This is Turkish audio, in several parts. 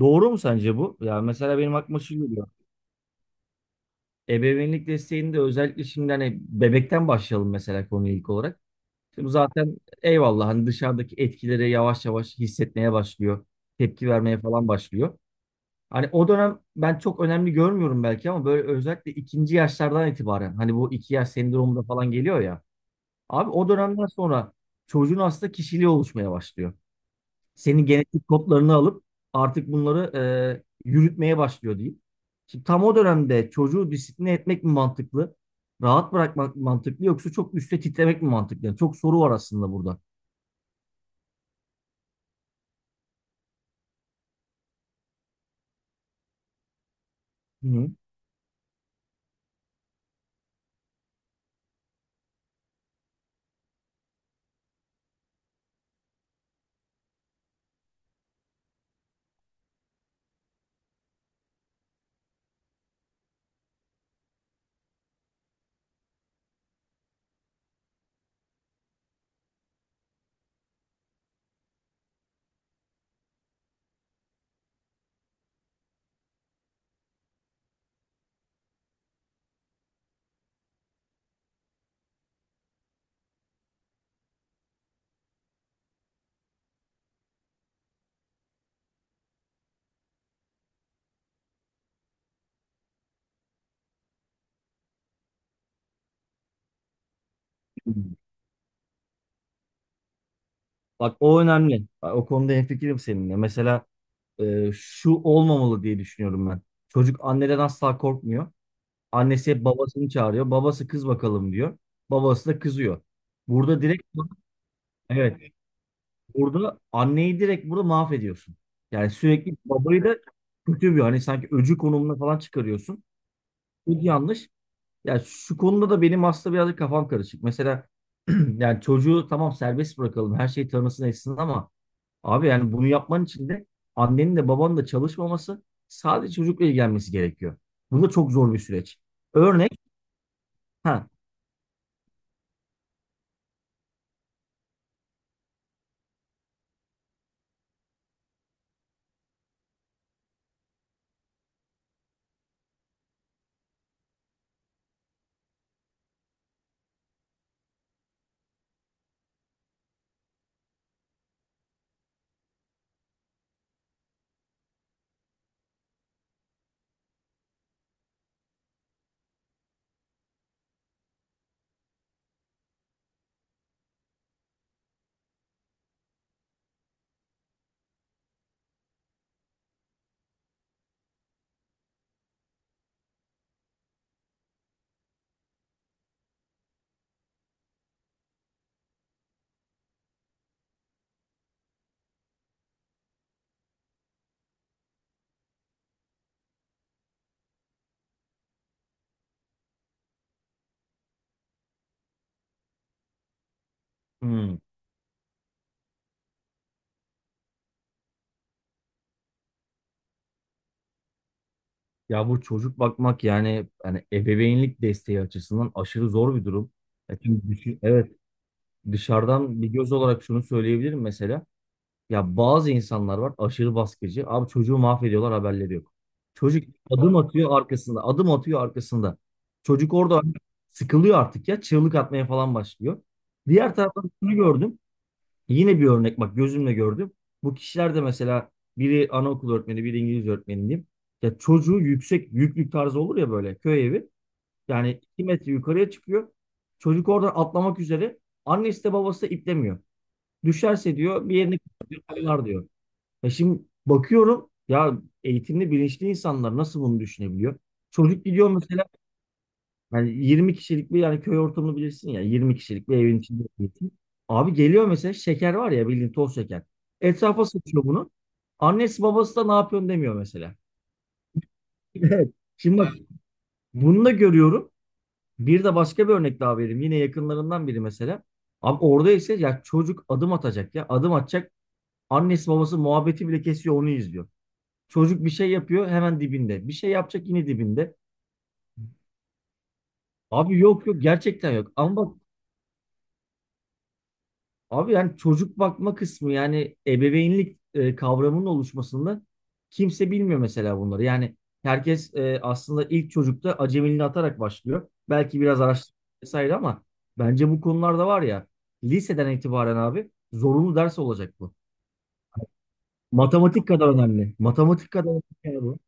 Doğru mu sence bu? Ya mesela benim aklıma şu geliyor. Ebeveynlik desteğinde özellikle şimdi hani bebekten başlayalım mesela konuya ilk olarak. Şimdi zaten eyvallah hani dışarıdaki etkileri yavaş yavaş hissetmeye başlıyor. Tepki vermeye falan başlıyor. Hani o dönem ben çok önemli görmüyorum belki ama böyle özellikle ikinci yaşlardan itibaren hani bu 2 yaş sendromunda falan geliyor ya. Abi o dönemden sonra çocuğun aslında kişiliği oluşmaya başlıyor. Senin genetik kodlarını alıp artık bunları yürütmeye başlıyor diyeyim. Şimdi tam o dönemde çocuğu disipline etmek mi mantıklı? Rahat bırakmak mı mantıklı yoksa çok üstte titremek mi mantıklı? Yani çok soru var aslında burada. Hı hı. Bak o önemli. Bak, o konuda hemfikirim seninle. Mesela şu olmamalı diye düşünüyorum ben. Çocuk anneden asla korkmuyor. Annesi hep babasını çağırıyor. Babası kız bakalım diyor. Babası da kızıyor. Burada direkt, evet, burada anneyi direkt burada mahvediyorsun. Yani sürekli babayı da kötü bir hani sanki öcü konumuna falan çıkarıyorsun. Bu yanlış. Yani şu konuda da benim aslında birazcık kafam karışık. Mesela yani çocuğu tamam serbest bırakalım her şeyi tanısın etsin ama abi yani bunu yapman için de annenin de babanın da çalışmaması sadece çocukla ilgilenmesi gerekiyor. Bu da çok zor bir süreç. Örnek. ha hmm, Ya bu çocuk bakmak yani ebeveynlik desteği açısından aşırı zor bir durum. E çünkü düşün, evet, dışarıdan bir göz olarak şunu söyleyebilirim mesela. Ya bazı insanlar var aşırı baskıcı. Abi çocuğu mahvediyorlar, haberleri yok. Çocuk adım atıyor arkasında. Adım atıyor arkasında. Çocuk orada sıkılıyor artık ya. Çığlık atmaya falan başlıyor. Diğer taraftan şunu gördüm. Yine bir örnek, bak gözümle gördüm. Bu kişiler de mesela biri anaokulu öğretmeni, biri İngiliz öğretmeni diyeyim. Ya çocuğu yüksek yüklük tarzı olur ya, böyle köy evi. Yani 2 metre yukarıya çıkıyor. Çocuk oradan atlamak üzere. Annesi de babası da iplemiyor. Düşerse diyor bir yerini kırarlar diyor. Ya şimdi bakıyorum ya, eğitimli bilinçli insanlar nasıl bunu düşünebiliyor? Çocuk gidiyor mesela, yani 20 kişilik bir, yani köy ortamını bilirsin ya, 20 kişilik bir evin içinde eğitim. Abi geliyor mesela, şeker var ya bildiğin toz şeker. Etrafa sıçıyor bunu. Annesi babası da ne yapıyorsun demiyor mesela. Evet. Şimdi bak, bunu da görüyorum. Bir de başka bir örnek daha vereyim. Yine yakınlarından biri mesela. Abi orada ise ya, çocuk adım atacak ya. Adım atacak. Annesi babası muhabbeti bile kesiyor, onu izliyor. Çocuk bir şey yapıyor, hemen dibinde. Bir şey yapacak, yine dibinde. Abi yok yok, gerçekten yok. Ama bak abi, yani çocuk bakma kısmı, yani ebeveynlik kavramının oluşmasında kimse bilmiyor mesela bunları. Yani herkes aslında ilk çocukta acemiliğini atarak başlıyor. Belki biraz araştırma vesaire, ama bence bu konularda var ya, liseden itibaren abi zorunlu ders olacak bu. Matematik kadar önemli. Matematik kadar önemli ya bu.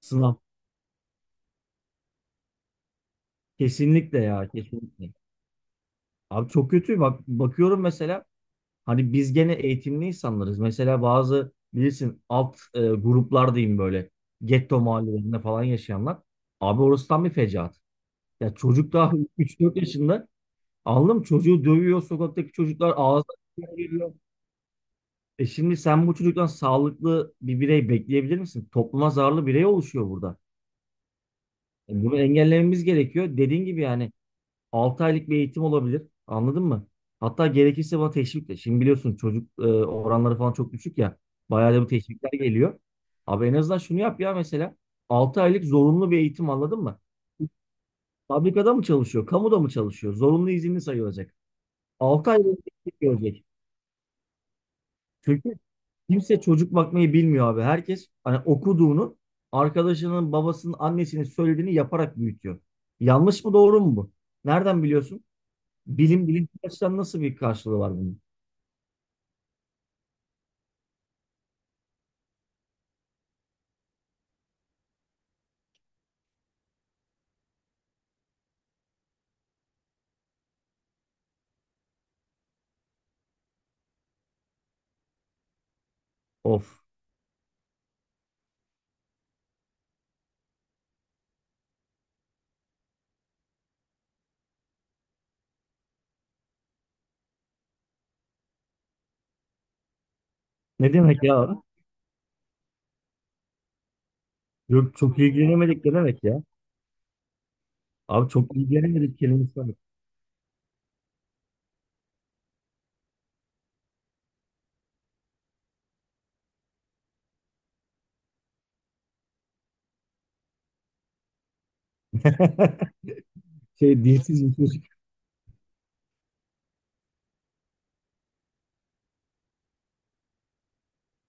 Sınav. Kesinlikle ya, kesinlikle. Abi çok kötü, bak bakıyorum mesela, hani biz gene eğitimli insanlarız. Mesela bazı bilirsin alt gruplar diyeyim, böyle getto mahallelerinde falan yaşayanlar. Abi orası tam bir fecaat. Ya çocuk daha 3-4 yaşında, anladın mı? Çocuğu dövüyor sokaktaki çocuklar, ağzına geliyor. E şimdi sen bu çocuktan sağlıklı bir birey bekleyebilir misin? Topluma zararlı birey oluşuyor burada. E bunu engellememiz gerekiyor. Dediğin gibi, yani 6 aylık bir eğitim olabilir. Anladın mı? Hatta gerekirse buna teşvikle. Şimdi biliyorsun çocuk oranları falan çok düşük ya. Bayağı da bu teşvikler geliyor. Abi en azından şunu yap ya mesela. 6 aylık zorunlu bir eğitim, anladın mı? Fabrikada mı çalışıyor? Kamuda mı çalışıyor? Zorunlu izinli sayılacak. 6 ay boyunca eğitim görecek. Çünkü kimse çocuk bakmayı bilmiyor abi. Herkes hani okuduğunu, arkadaşının, babasının, annesinin söylediğini yaparak büyütüyor. Yanlış mı doğru mu bu? Nereden biliyorsun? Bilim açıdan nasıl bir karşılığı var bunun? Of. Ne demek ya abi? Yok çok ilgilenemedik ne demek ya? Abi çok ilgilenemedik kelimesi var. Şey, dilsiz bir çocuk.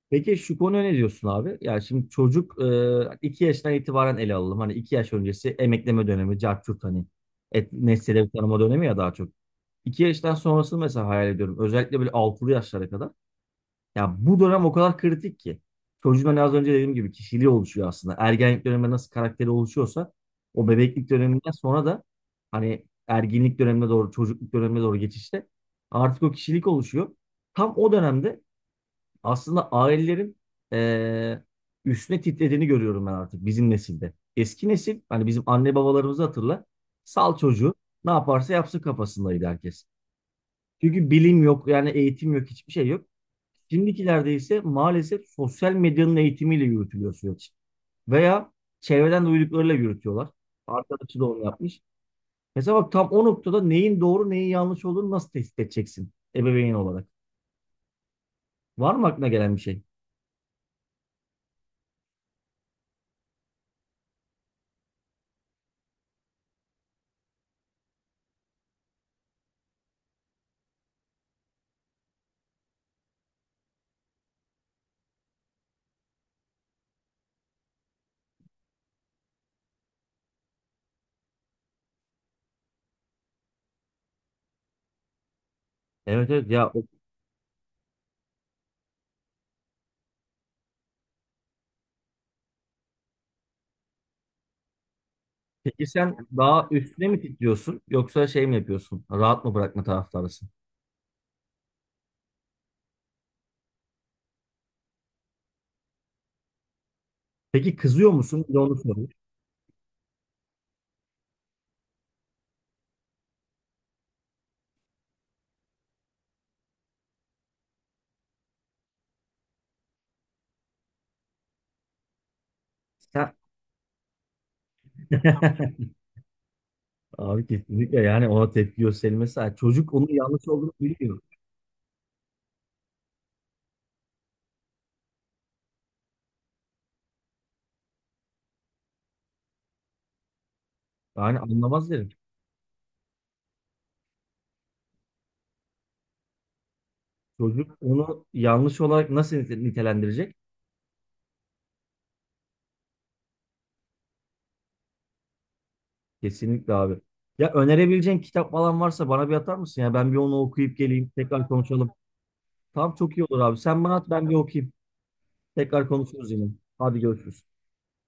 Peki şu konuya ne diyorsun abi? Yani şimdi çocuk 2 yaşından itibaren ele alalım. Hani 2 yaş öncesi emekleme dönemi, cart curt hani nesneleri tanıma dönemi ya, daha çok. 2 yaştan sonrasını mesela hayal ediyorum. Özellikle böyle 6'lı yaşlara kadar. Ya bu dönem o kadar kritik ki. Çocuğun hani az önce dediğim gibi kişiliği oluşuyor aslında. Ergenlik döneminde nasıl karakteri oluşuyorsa, o bebeklik döneminden sonra da hani erginlik dönemine doğru, çocukluk dönemine doğru geçişte artık o kişilik oluşuyor. Tam o dönemde aslında ailelerin eee, üstüne titrediğini görüyorum ben, artık bizim nesilde. Eski nesil hani, bizim anne babalarımızı hatırla. Sal çocuğu, ne yaparsa yapsın kafasındaydı herkes. Çünkü bilim yok, yani eğitim yok, hiçbir şey yok. Şimdikilerde ise maalesef sosyal medyanın eğitimiyle yürütülüyor süreç. Veya çevreden duyduklarıyla yürütüyorlar. Arkadaşı da onu yapmış. Mesela bak, tam o noktada neyin doğru neyin yanlış olduğunu nasıl tespit edeceksin ebeveyn olarak? Var mı aklına gelen bir şey? Evet evet ya peki sen daha üstüne mi titriyorsun, yoksa şey mi yapıyorsun? Rahat mı bırakma taraftarısın? Peki kızıyor musun? Bir de onu sorayım. Sen... Abi kesinlikle, yani ona tepki gösterilmesi. Yani çocuk onun yanlış olduğunu biliyor. Yani anlamaz derim. Çocuk onu yanlış olarak nasıl nitelendirecek? Kesinlikle abi. Ya önerebileceğin kitap falan varsa bana bir atar mısın? Ya ben bir onu okuyup geleyim. Tekrar konuşalım. Tamam, çok iyi olur abi. Sen bana at, ben bir okuyayım. Tekrar konuşuruz yine. Hadi görüşürüz.